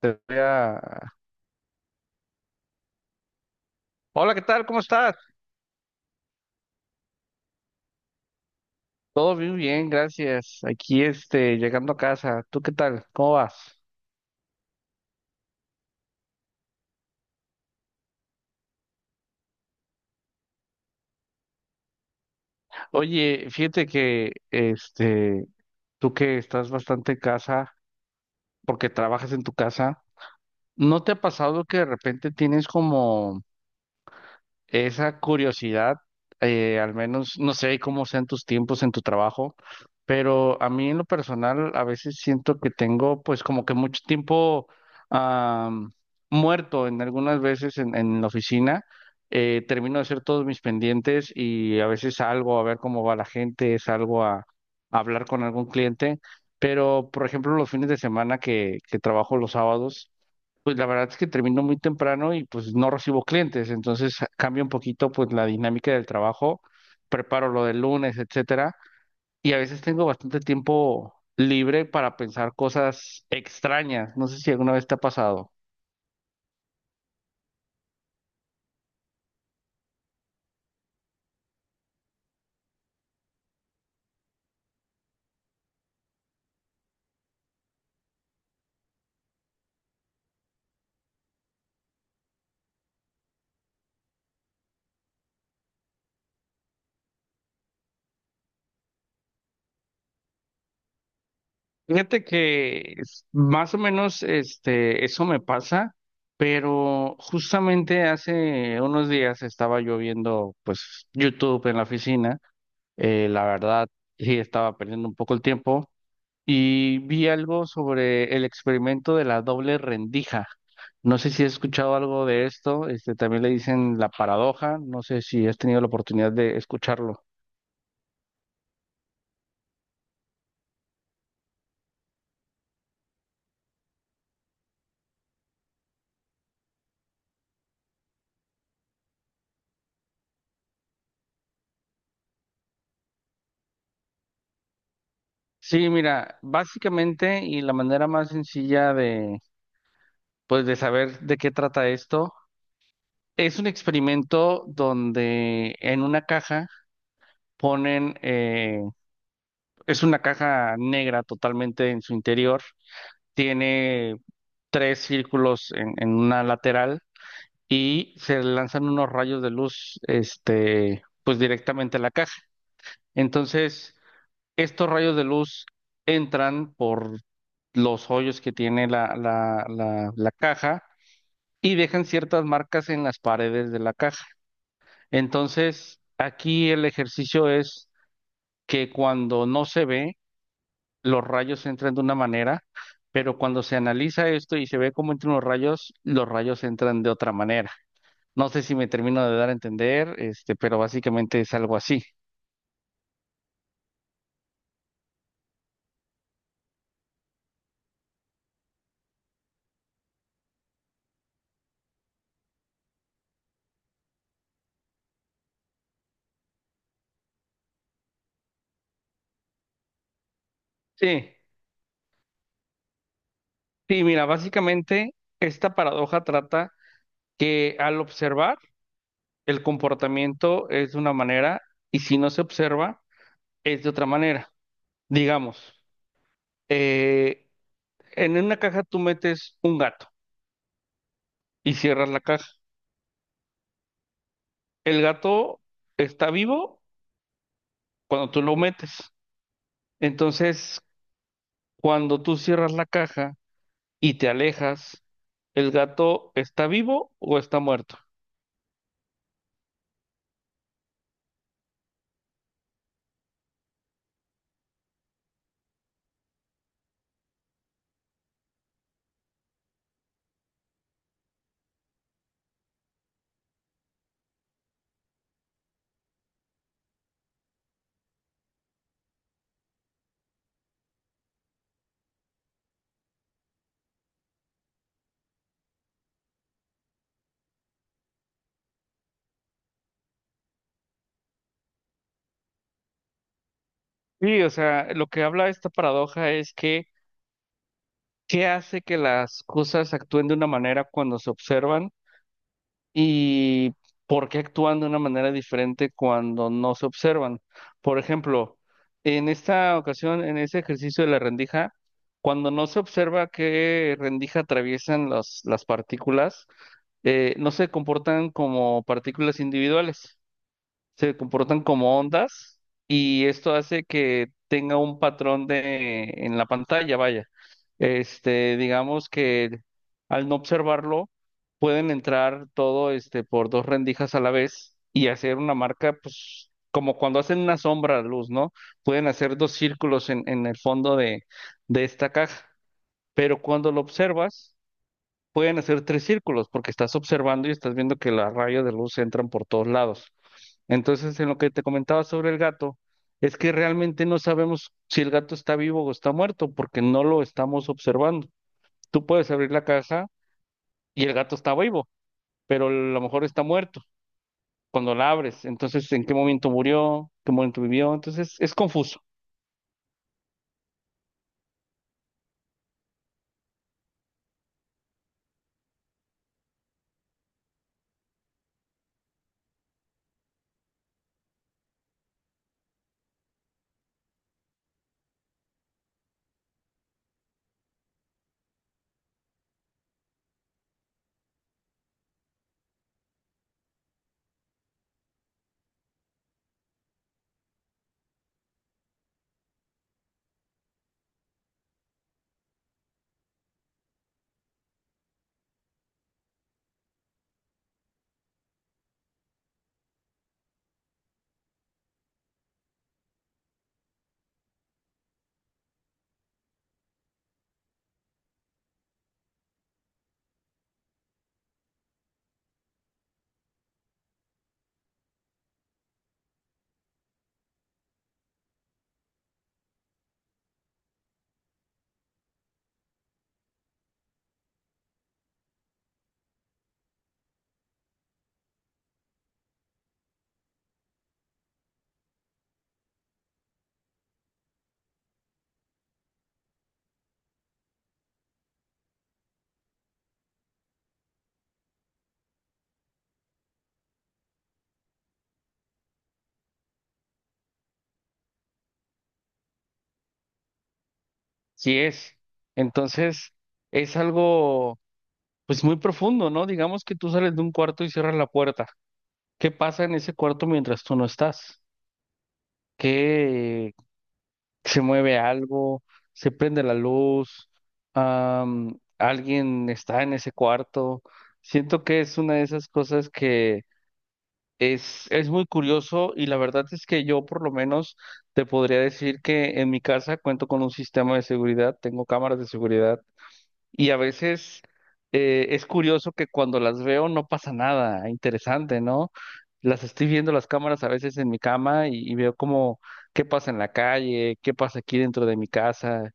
Te voy a- Hola, ¿qué tal? ¿Cómo estás? Todo muy bien, gracias. Aquí, llegando a casa. ¿Tú qué tal? ¿Cómo vas? Oye, fíjate que, tú que estás bastante en casa, porque trabajas en tu casa, ¿no te ha pasado que de repente tienes como esa curiosidad? Al menos, no sé cómo sean tus tiempos en tu trabajo, pero a mí en lo personal a veces siento que tengo pues como que mucho tiempo am, muerto en algunas veces en la oficina. Termino de hacer todos mis pendientes y a veces salgo a ver cómo va la gente, salgo a hablar con algún cliente, pero por ejemplo los fines de semana que trabajo los sábados, pues la verdad es que termino muy temprano y pues no recibo clientes, entonces cambio un poquito pues la dinámica del trabajo, preparo lo del lunes, etcétera, y a veces tengo bastante tiempo libre para pensar cosas extrañas, no sé si alguna vez te ha pasado. Fíjate que es- más o menos este eso me pasa, pero justamente hace unos días estaba yo viendo pues YouTube en la oficina. La verdad sí estaba perdiendo un poco el tiempo, y vi algo sobre el experimento de la doble rendija. No sé si has escuchado algo de esto, este, también le dicen la paradoja, no sé si has tenido la oportunidad de escucharlo. Sí, mira, básicamente y la manera más sencilla de, pues, de saber de qué trata esto, es un experimento donde en una caja ponen, es una caja negra totalmente en su interior, tiene tres círculos en una lateral y se lanzan unos rayos de luz, este, pues directamente a la caja. Entonces, estos rayos de luz entran por los hoyos que tiene la caja y dejan ciertas marcas en las paredes de la caja. Entonces, aquí el ejercicio es que cuando no se ve, los rayos entran de una manera, pero cuando se analiza esto y se ve cómo entran los rayos entran de otra manera. No sé si me termino de dar a entender, este, pero básicamente es algo así. Sí, sí, mira, básicamente esta paradoja trata que al observar el comportamiento es de una manera y si no se observa es de otra manera. Digamos, eh, en una caja tú metes un gato y cierras la caja. El gato está vivo cuando tú lo metes. Entonces, cuando tú cierras la caja y te alejas, ¿el gato está vivo o está muerto? Sí, o sea, lo que habla esta paradoja es que qué hace que las cosas actúen de una manera cuando se observan y por qué actúan de una manera diferente cuando no se observan. Por ejemplo, en esta ocasión, en ese ejercicio de la rendija, cuando no se observa qué rendija atraviesan los- las partículas, no se comportan como partículas individuales. Se comportan como ondas y esto hace que tenga un patrón de en la pantalla, vaya. Este, digamos que al no observarlo pueden entrar todo este por dos rendijas a la vez y hacer una marca, pues como cuando hacen una sombra a luz, ¿no? Pueden hacer dos círculos en el fondo de esta caja, pero cuando lo observas pueden hacer tres círculos porque estás observando y estás viendo que los rayos de luz entran por todos lados. Entonces, en lo que te comentaba sobre el gato, es que realmente no sabemos si el gato está vivo o está muerto, porque no lo estamos observando. Tú puedes abrir la caja y el gato está vivo, pero a lo mejor está muerto cuando la abres. Entonces, ¿en qué momento murió? ¿Qué momento vivió? Entonces, es confuso. Sí es. Entonces, es algo, pues, muy profundo, ¿no? Digamos que tú sales de un cuarto y cierras la puerta. ¿Qué pasa en ese cuarto mientras tú no estás? ¿Qué, se mueve algo, se prende la luz, alguien está en ese cuarto? Siento que es una de esas cosas que es muy curioso y la verdad es que yo por lo menos te podría decir que en mi casa cuento con un sistema de seguridad, tengo cámaras de seguridad y a veces es curioso que cuando las veo no pasa nada interesante, ¿no? Las estoy viendo las cámaras a veces en mi cama y veo como qué pasa en la calle, qué pasa aquí dentro de mi casa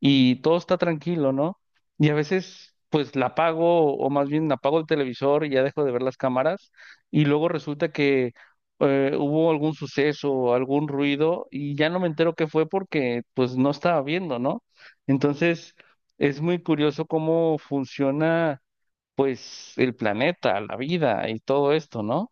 y todo está tranquilo, ¿no? Y a veces pues la apago o más bien apago el televisor y ya dejo de ver las cámaras y luego resulta que hubo algún suceso o algún ruido y ya no me entero qué fue porque pues no estaba viendo, ¿no? Entonces... es muy curioso cómo funciona, pues, el planeta, la vida y todo esto, ¿no?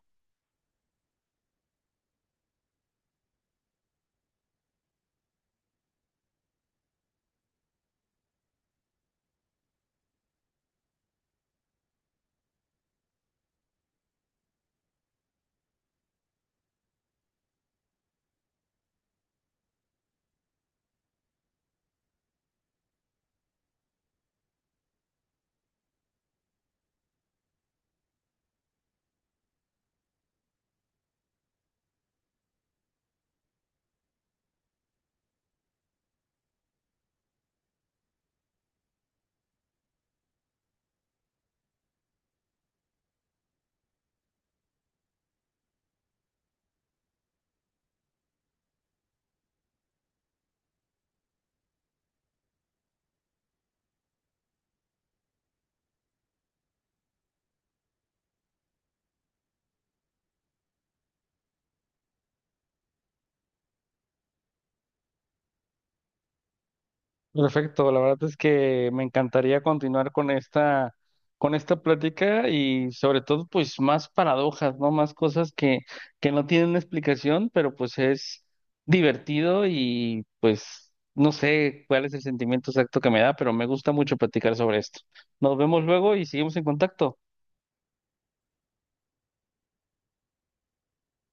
Perfecto, la verdad es que me encantaría continuar con con esta plática y sobre todo, pues, más paradojas, ¿no? Más cosas que no tienen una explicación, pero pues es divertido y pues no sé cuál es el sentimiento exacto que me da, pero me gusta mucho platicar sobre esto. Nos vemos luego y seguimos en contacto.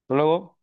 Hasta luego.